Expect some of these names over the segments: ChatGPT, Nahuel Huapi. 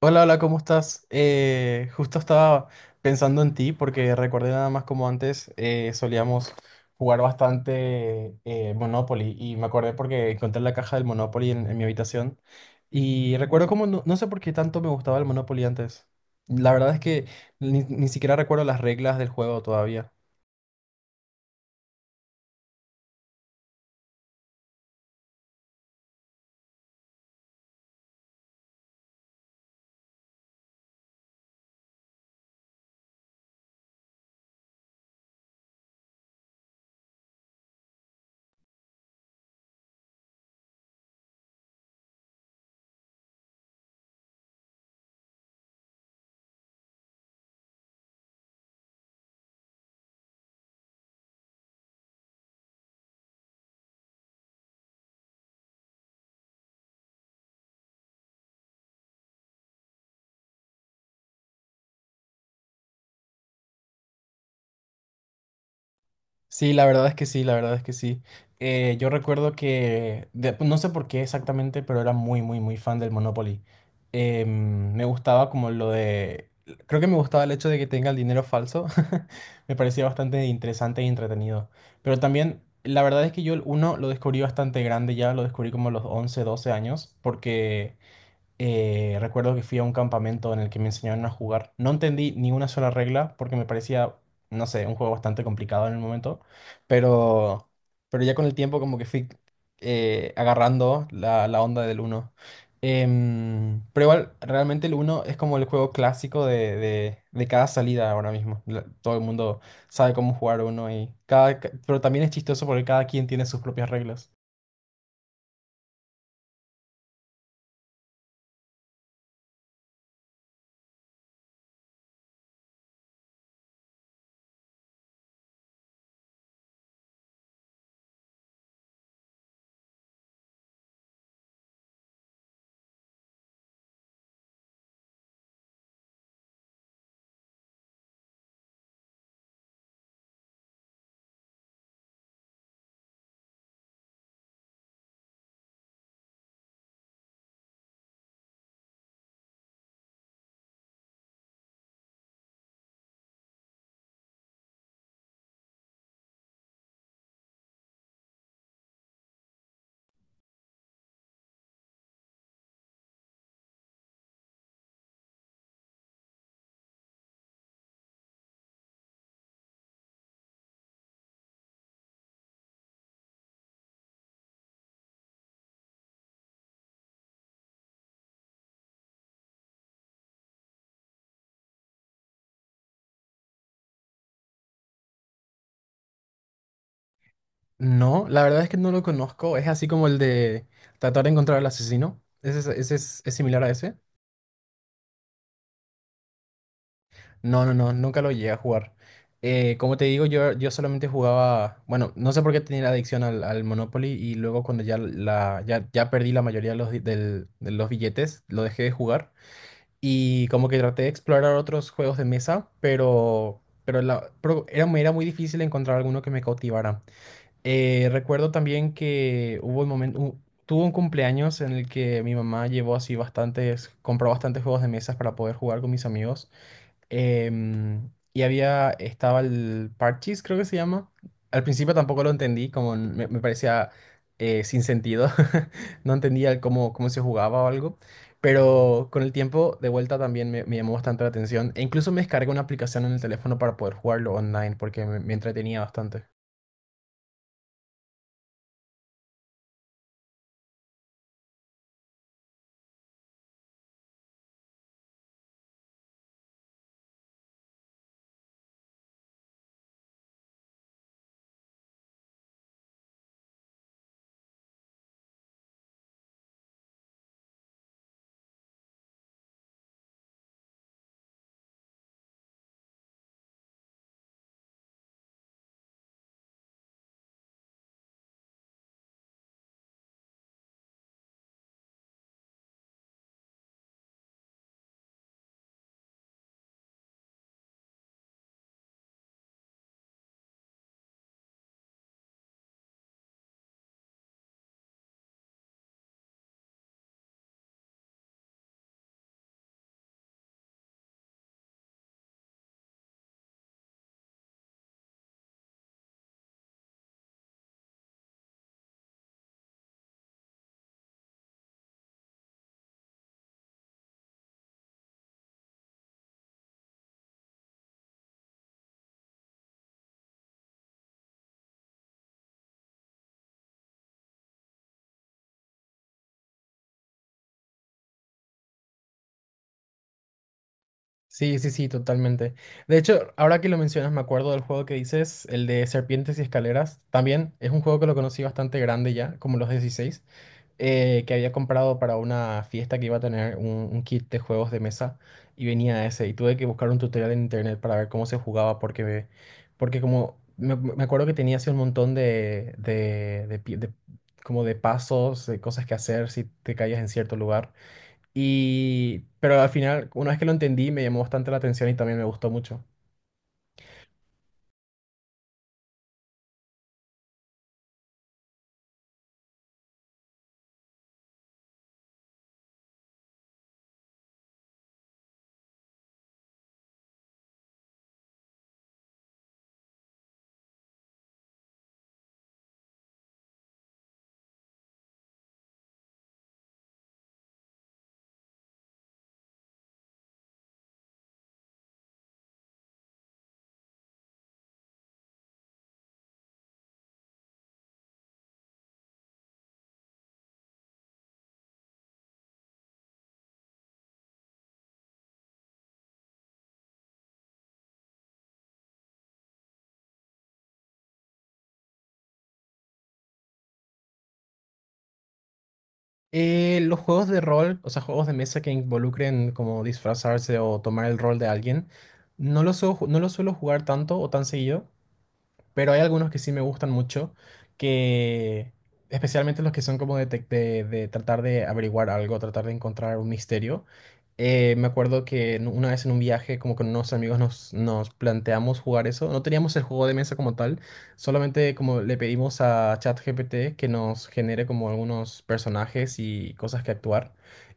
Hola, hola, ¿cómo estás? Justo estaba pensando en ti porque recordé nada más como antes solíamos jugar bastante Monopoly y me acordé porque encontré la caja del Monopoly en mi habitación y recuerdo como no sé por qué tanto me gustaba el Monopoly antes. La verdad es que ni siquiera recuerdo las reglas del juego todavía. Sí, la verdad es que sí, la verdad es que sí. Yo recuerdo que, pues, no sé por qué exactamente, pero era muy, muy, muy fan del Monopoly. Me gustaba como lo creo que me gustaba el hecho de que tenga el dinero falso. Me parecía bastante interesante y entretenido. Pero también, la verdad es que yo el uno lo descubrí bastante grande ya, lo descubrí como a los 11 12 años, porque recuerdo que fui a un campamento en el que me enseñaron a jugar. No entendí ni una sola regla porque me parecía, no sé, un juego bastante complicado en el momento. Pero, pero ya con el tiempo como que fui agarrando la onda del uno. Pero igual, realmente el uno es como el juego clásico de cada salida ahora mismo. Todo el mundo sabe cómo jugar uno y pero también es chistoso porque cada quien tiene sus propias reglas. No, la verdad es que no lo conozco. Es así como el de tratar de encontrar al asesino. ¿ ese es similar a ese? No, no, no, nunca lo llegué a jugar. Como te digo, yo solamente jugaba, bueno, no sé por qué tenía la adicción al Monopoly y luego cuando ya perdí la mayoría de de los billetes, lo dejé de jugar y como que traté de explorar otros juegos de mesa, pero era, era muy difícil encontrar alguno que me cautivara. Recuerdo también que hubo un momento, tuvo un cumpleaños en el que mi mamá llevó así bastantes, compró bastantes juegos de mesas para poder jugar con mis amigos. Y había, estaba el Parchís, creo que se llama. Al principio tampoco lo entendí, como me parecía sin sentido. No entendía el cómo, cómo se jugaba o algo. Pero con el tiempo, de vuelta también me llamó bastante la atención. E incluso me descargué una aplicación en el teléfono para poder jugarlo online porque me entretenía bastante. Sí, sí, sí, totalmente. De hecho, ahora que lo mencionas, me acuerdo del juego que dices, el de Serpientes y Escaleras. También es un juego que lo conocí bastante grande ya, como los 16, que había comprado para una fiesta que iba a tener un kit de juegos de mesa y venía ese. Y tuve que buscar un tutorial en internet para ver cómo se jugaba, porque como me acuerdo que tenía así un montón como de pasos, de cosas que hacer si te caías en cierto lugar. Y, pero al final, una vez que lo entendí, me llamó bastante la atención y también me gustó mucho. Los juegos de rol, o sea, juegos de mesa que involucren como disfrazarse o tomar el rol de alguien, no los suelo jugar tanto o tan seguido, pero hay algunos que sí me gustan mucho, que especialmente los que son como de tratar de averiguar algo, tratar de encontrar un misterio. Me acuerdo que una vez en un viaje, como con unos amigos, nos planteamos jugar eso. No teníamos el juego de mesa como tal, solamente como le pedimos a ChatGPT que nos genere como algunos personajes y cosas que actuar.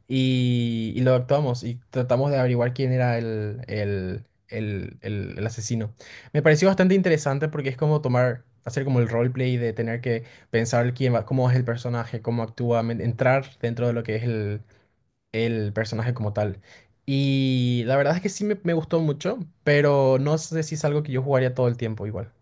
Y lo actuamos y tratamos de averiguar quién era el asesino. Me pareció bastante interesante porque es como tomar, hacer como el roleplay de tener que pensar quién va, cómo es el personaje, cómo actúa, entrar dentro de lo que es el personaje como tal. Y la verdad es que sí me gustó mucho, pero no sé si es algo que yo jugaría todo el tiempo igual.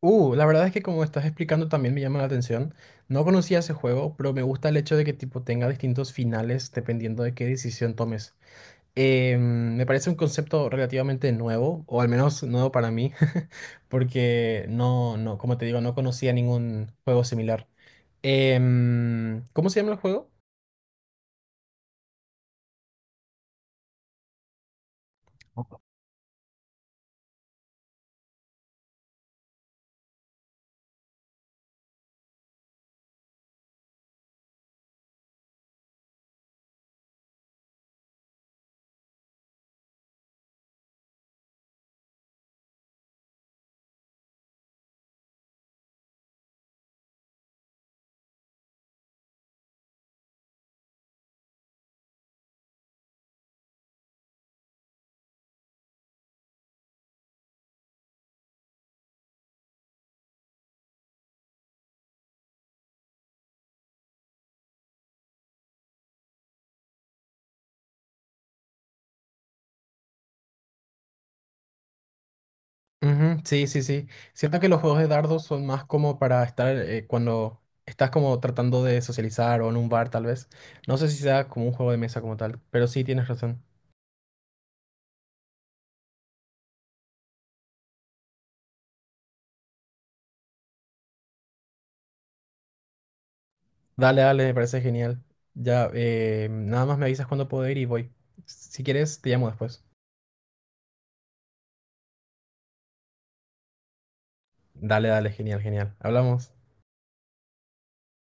La verdad es que como estás explicando también me llama la atención. No conocía ese juego, pero me gusta el hecho de que tipo tenga distintos finales dependiendo de qué decisión tomes. Me parece un concepto relativamente nuevo, o al menos nuevo para mí, porque no, como te digo, no conocía ningún juego similar. ¿Cómo se llama el juego? Ojo. Ujú, sí, sí, sí. Siento que los juegos de dardos son más como para estar cuando estás como tratando de socializar o en un bar tal vez. No sé si sea como un juego de mesa como tal, pero sí tienes razón. Dale, dale, me parece genial. Ya, nada más me avisas cuando puedo ir y voy. Si quieres, te llamo después. Dale, dale, genial, genial. Hablamos.